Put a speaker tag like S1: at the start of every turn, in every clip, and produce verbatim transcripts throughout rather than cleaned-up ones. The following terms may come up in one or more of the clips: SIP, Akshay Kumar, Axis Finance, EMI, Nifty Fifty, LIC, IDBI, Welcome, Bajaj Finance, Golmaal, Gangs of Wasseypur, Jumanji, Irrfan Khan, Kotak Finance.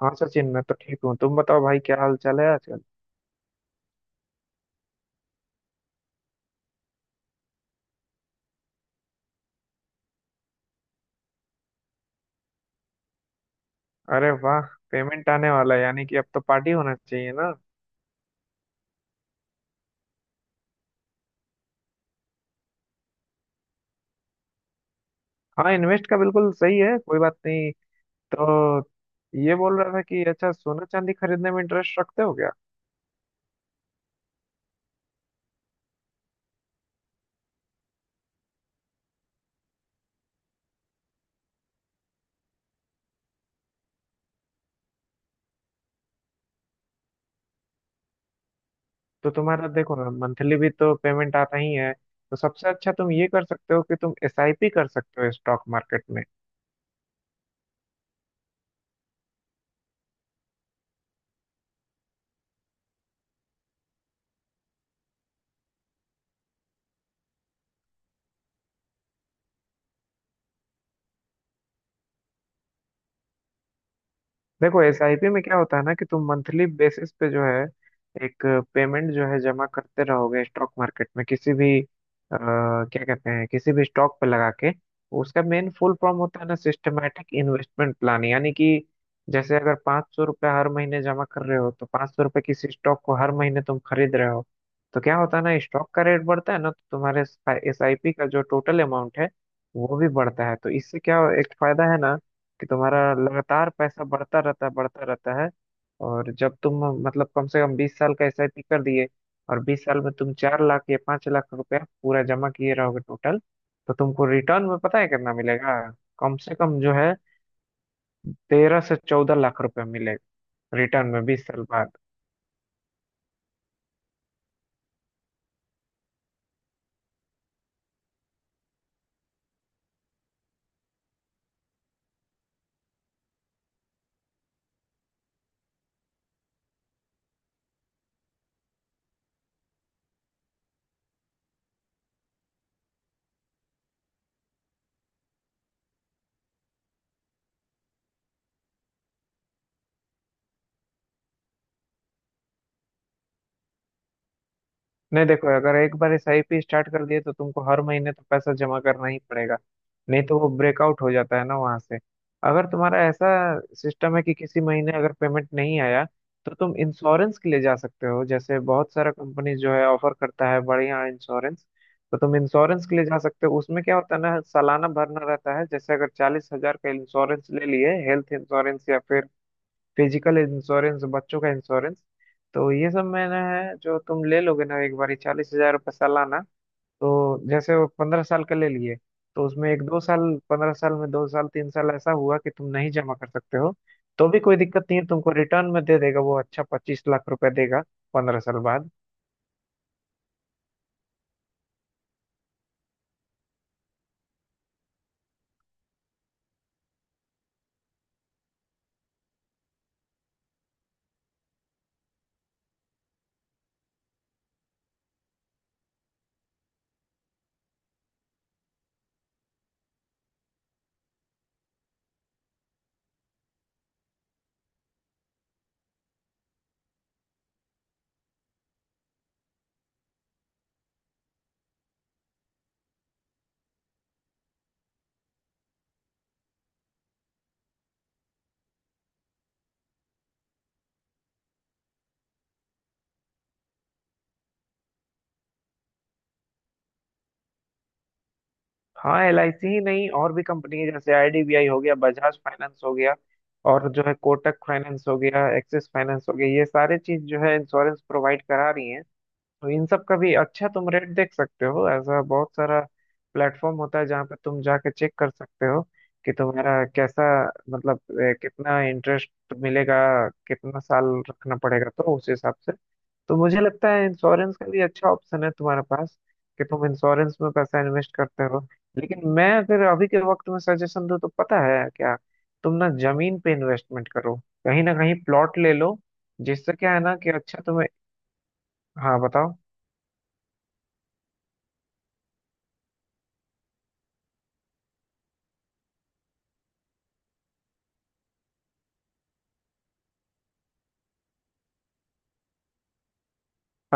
S1: हाँ सचिन, मैं तो ठीक हूँ। तुम बताओ भाई, क्या हाल चाल है आजकल? अरे वाह। पेमेंट आने वाला है, यानी कि अब तो पार्टी होना चाहिए ना? हाँ, इन्वेस्ट का बिल्कुल सही है, कोई बात नहीं। तो ये बोल रहा था कि अच्छा, सोना चांदी खरीदने में इंटरेस्ट रखते हो क्या? तो तुम्हारा देखो ना, मंथली भी तो पेमेंट आता ही है। तो सबसे अच्छा तुम ये कर सकते हो कि तुम एसआईपी कर सकते हो स्टॉक मार्केट में। देखो, एसआईपी में क्या होता है ना कि तुम मंथली बेसिस पे जो है एक पेमेंट जो है जमा करते रहोगे स्टॉक मार्केट में किसी भी आ, क्या कहते हैं, किसी भी स्टॉक पे लगा के। उसका मेन फुल फॉर्म होता है ना सिस्टमेटिक इन्वेस्टमेंट प्लान, यानी कि जैसे अगर पाँच सौ रुपये हर महीने जमा कर रहे हो, तो पाँच सौ रुपये किसी स्टॉक को हर महीने तुम खरीद रहे हो। तो क्या होता है ना, स्टॉक का रेट बढ़ता है ना, तो तुम्हारे एसआईपी का जो टोटल अमाउंट है वो भी बढ़ता है। तो इससे क्या एक फायदा है ना कि तुम्हारा लगातार पैसा बढ़ता रहता है, बढ़ता रहता है। और जब तुम, मतलब, कम से कम बीस साल का एसआईपी कर दिए, और बीस साल में तुम चार लाख या पांच लाख रुपया पूरा जमा किए रहोगे टोटल, तो तुमको रिटर्न में पता है कितना मिलेगा? कम से कम जो है तेरह से चौदह लाख रुपया मिलेगा रिटर्न में बीस साल बाद। नहीं, देखो, अगर एक बार एसआईपी स्टार्ट कर दिए तो तुमको हर महीने तो पैसा जमा करना ही पड़ेगा। नहीं तो वो ब्रेकआउट हो जाता है ना वहां से। अगर तुम्हारा ऐसा सिस्टम है कि किसी महीने अगर पेमेंट नहीं आया, तो तुम इंश्योरेंस के लिए जा सकते हो। जैसे बहुत सारा कंपनी जो है ऑफर करता है बढ़िया इंश्योरेंस। तो तुम इंश्योरेंस के लिए जा सकते हो। उसमें क्या होता है ना, सालाना भरना रहता है। जैसे अगर चालीस हजार का इंश्योरेंस ले लिए, हेल्थ इंश्योरेंस या फिर फिजिकल इंश्योरेंस, बच्चों का इंश्योरेंस, तो ये सब मैंने है जो तुम ले लोगे ना एक बार चालीस हजार रुपये सालाना। तो जैसे वो पंद्रह साल का ले लिए, तो उसमें एक दो साल, पंद्रह साल में दो साल तीन साल ऐसा हुआ कि तुम नहीं जमा कर सकते हो, तो भी कोई दिक्कत नहीं है। तुमको रिटर्न में दे देगा वो, अच्छा पच्चीस लाख रुपए देगा पंद्रह साल बाद। हाँ, एल आई सी ही नहीं, और भी कंपनी है। जैसे आईडीबीआई हो गया, बजाज फाइनेंस हो गया, और जो है कोटक फाइनेंस हो गया, एक्सिस फाइनेंस हो गया, ये सारे चीज जो है इंश्योरेंस प्रोवाइड करा रही है। तो इन सब का भी अच्छा तुम रेट देख सकते हो। ऐसा बहुत सारा प्लेटफॉर्म होता है जहाँ पे तुम जाके चेक कर सकते हो कि तुम्हारा कैसा, मतलब ए, कितना इंटरेस्ट मिलेगा, कितना साल रखना पड़ेगा, तो उस हिसाब से। तो मुझे लगता है इंश्योरेंस का भी अच्छा ऑप्शन है तुम्हारे पास कि तुम इंश्योरेंस में पैसा इन्वेस्ट करते हो। लेकिन मैं अगर अभी के वक्त में सजेशन दूं तो पता है क्या? तुम ना जमीन पे इन्वेस्टमेंट करो। कहीं ना कहीं प्लॉट ले लो, जिससे क्या है ना कि अच्छा तुम्हें। हाँ, बताओ।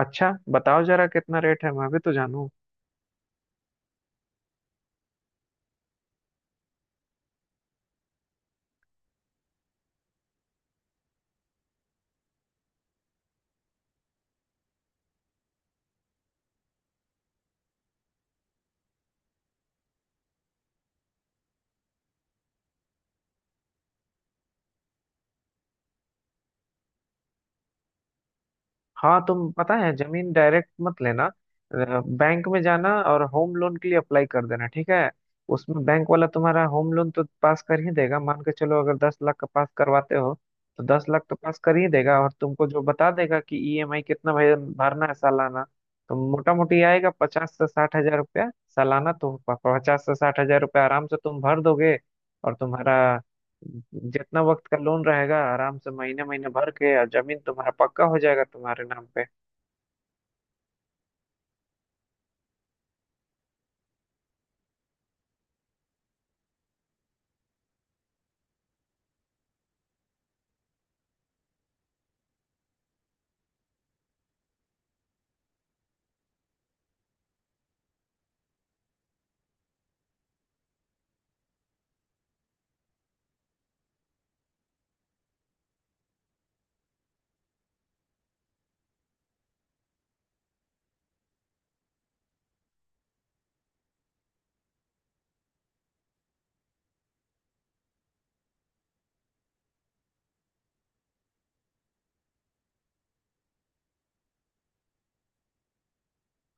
S1: अच्छा, बताओ जरा कितना रेट है, मैं भी तो जानूं। हाँ, तुम पता है, जमीन डायरेक्ट मत लेना। बैंक में जाना और होम लोन के लिए अप्लाई कर देना, ठीक है? उसमें बैंक वाला तुम्हारा होम लोन तो पास कर ही देगा। मान के चलो अगर दस लाख का पास करवाते हो, तो दस लाख तो पास कर ही देगा। और तुमको जो बता देगा कि ईएमआई कितना भर- भरना है सालाना, तो मोटा मोटी आएगा पचास से साठ हजार रुपया सालाना। तो प- पचास से साठ हजार रुपया आराम से तुम भर दोगे, और तुम्हारा जितना वक्त का लोन रहेगा आराम से महीने महीने भर के, और जमीन तुम्हारा पक्का हो जाएगा तुम्हारे नाम पे।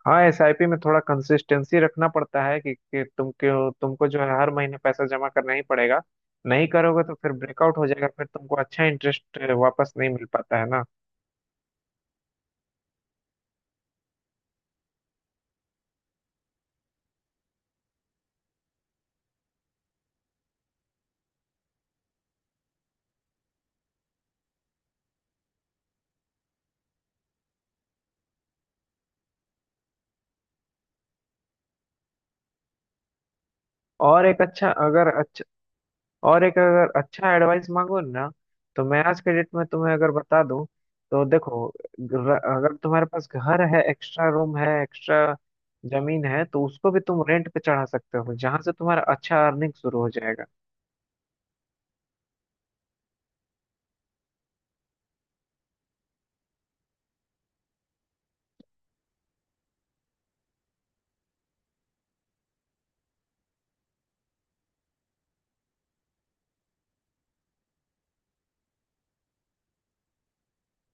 S1: हाँ, एसआईपी में थोड़ा कंसिस्टेंसी रखना पड़ता है कि, कि तुम क्यों, तुमको जो है हर महीने पैसा जमा करना ही पड़ेगा। नहीं करोगे तो फिर ब्रेकआउट हो जाएगा, फिर तुमको अच्छा इंटरेस्ट वापस नहीं मिल पाता है ना। और एक अच्छा अगर और एक अगर अच्छा एडवाइस मांगो ना, तो मैं आज के डेट में तुम्हें अगर बता दूं तो देखो, र- अगर तुम्हारे पास घर है, एक्स्ट्रा रूम है, एक्स्ट्रा जमीन है, तो उसको भी तुम रेंट पे चढ़ा सकते हो, जहां से तुम्हारा अच्छा अर्निंग शुरू हो जाएगा।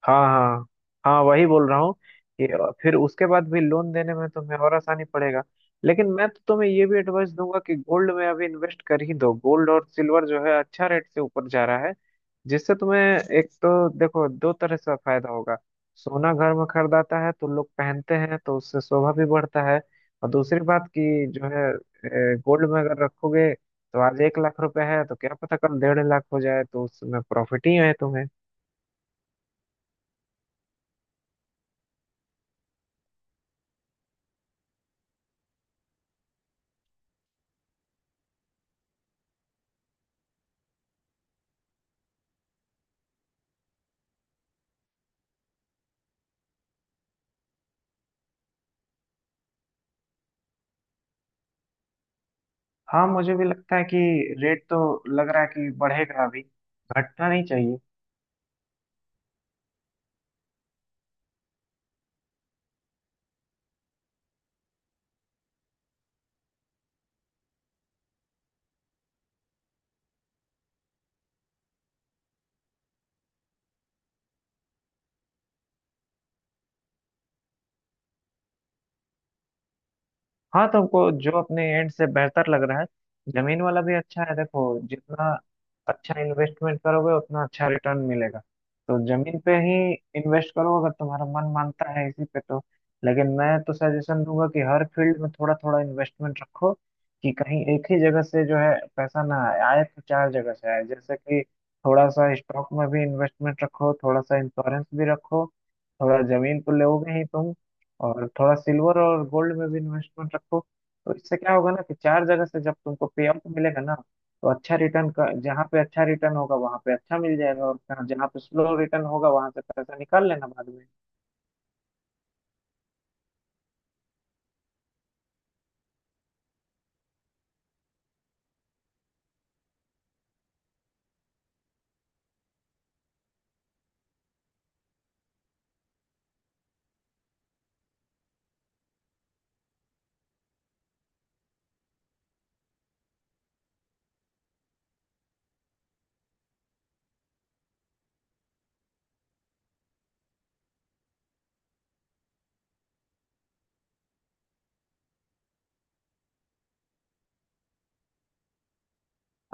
S1: हाँ हाँ। हाँ, वही बोल रहा हूँ कि फिर उसके बाद भी लोन देने में तुम्हें और आसानी पड़ेगा। लेकिन मैं तो तुम्हें ये भी एडवाइस दूंगा कि गोल्ड में अभी इन्वेस्ट कर ही दो। गोल्ड और सिल्वर जो है अच्छा रेट से ऊपर जा रहा है, जिससे तुम्हें एक तो देखो दो तरह से फायदा होगा। सोना घर में खरीदाता है तो लोग पहनते हैं, तो उससे शोभा भी बढ़ता है। और दूसरी बात कि जो है गोल्ड में अगर रखोगे, तो आज एक लाख रुपए है तो क्या पता कल डेढ़ लाख हो जाए, तो उसमें प्रॉफिट ही है तुम्हें। हाँ, मुझे भी लगता है कि रेट तो लग रहा है कि बढ़ेगा अभी, घटना नहीं चाहिए। हाँ, तो को जो अपने एंड से बेहतर लग रहा है। जमीन वाला भी अच्छा है, देखो जितना अच्छा इन्वेस्टमेंट करोगे उतना अच्छा रिटर्न मिलेगा। तो जमीन पे ही इन्वेस्ट करो अगर तुम्हारा मन मानता है इसी पे तो। लेकिन मैं तो सजेशन दूंगा कि हर फील्ड में थोड़ा थोड़ा इन्वेस्टमेंट रखो, कि कहीं एक ही जगह से जो है पैसा ना आए, आए तो चार जगह से आए। जैसे कि थोड़ा सा स्टॉक में भी इन्वेस्टमेंट रखो, थोड़ा सा इंश्योरेंस भी रखो, थोड़ा जमीन तो लोगे ही तुम, और थोड़ा सिल्वर और गोल्ड में भी इन्वेस्टमेंट रखो। तो इससे क्या होगा ना कि चार जगह से जब तुमको पे आउट मिलेगा ना, तो अच्छा रिटर्न का, जहाँ पे अच्छा रिटर्न होगा वहां पे अच्छा मिल जाएगा, और जहाँ जहाँ पे स्लो रिटर्न होगा वहां से पैसा निकाल लेना बाद में।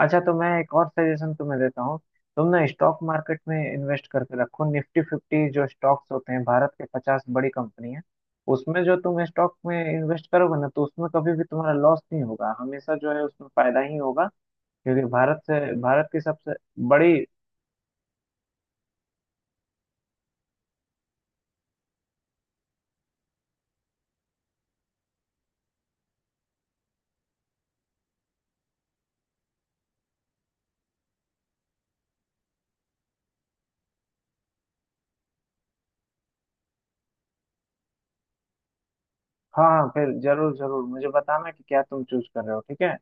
S1: अच्छा, तो मैं एक और सजेशन तुम्हें देता हूँ। तुम ना स्टॉक मार्केट में इन्वेस्ट करके रखो निफ्टी फिफ्टी। जो स्टॉक्स होते हैं, भारत के पचास बड़ी कंपनी है, उसमें जो तुम स्टॉक में इन्वेस्ट करोगे ना, तो उसमें कभी भी तुम्हारा लॉस नहीं होगा, हमेशा जो है उसमें फायदा ही होगा। क्योंकि भारत से, भारत की सबसे बड़ी। हाँ हाँ, फिर जरूर जरूर मुझे बताना कि क्या तुम चूज कर रहे हो, ठीक है?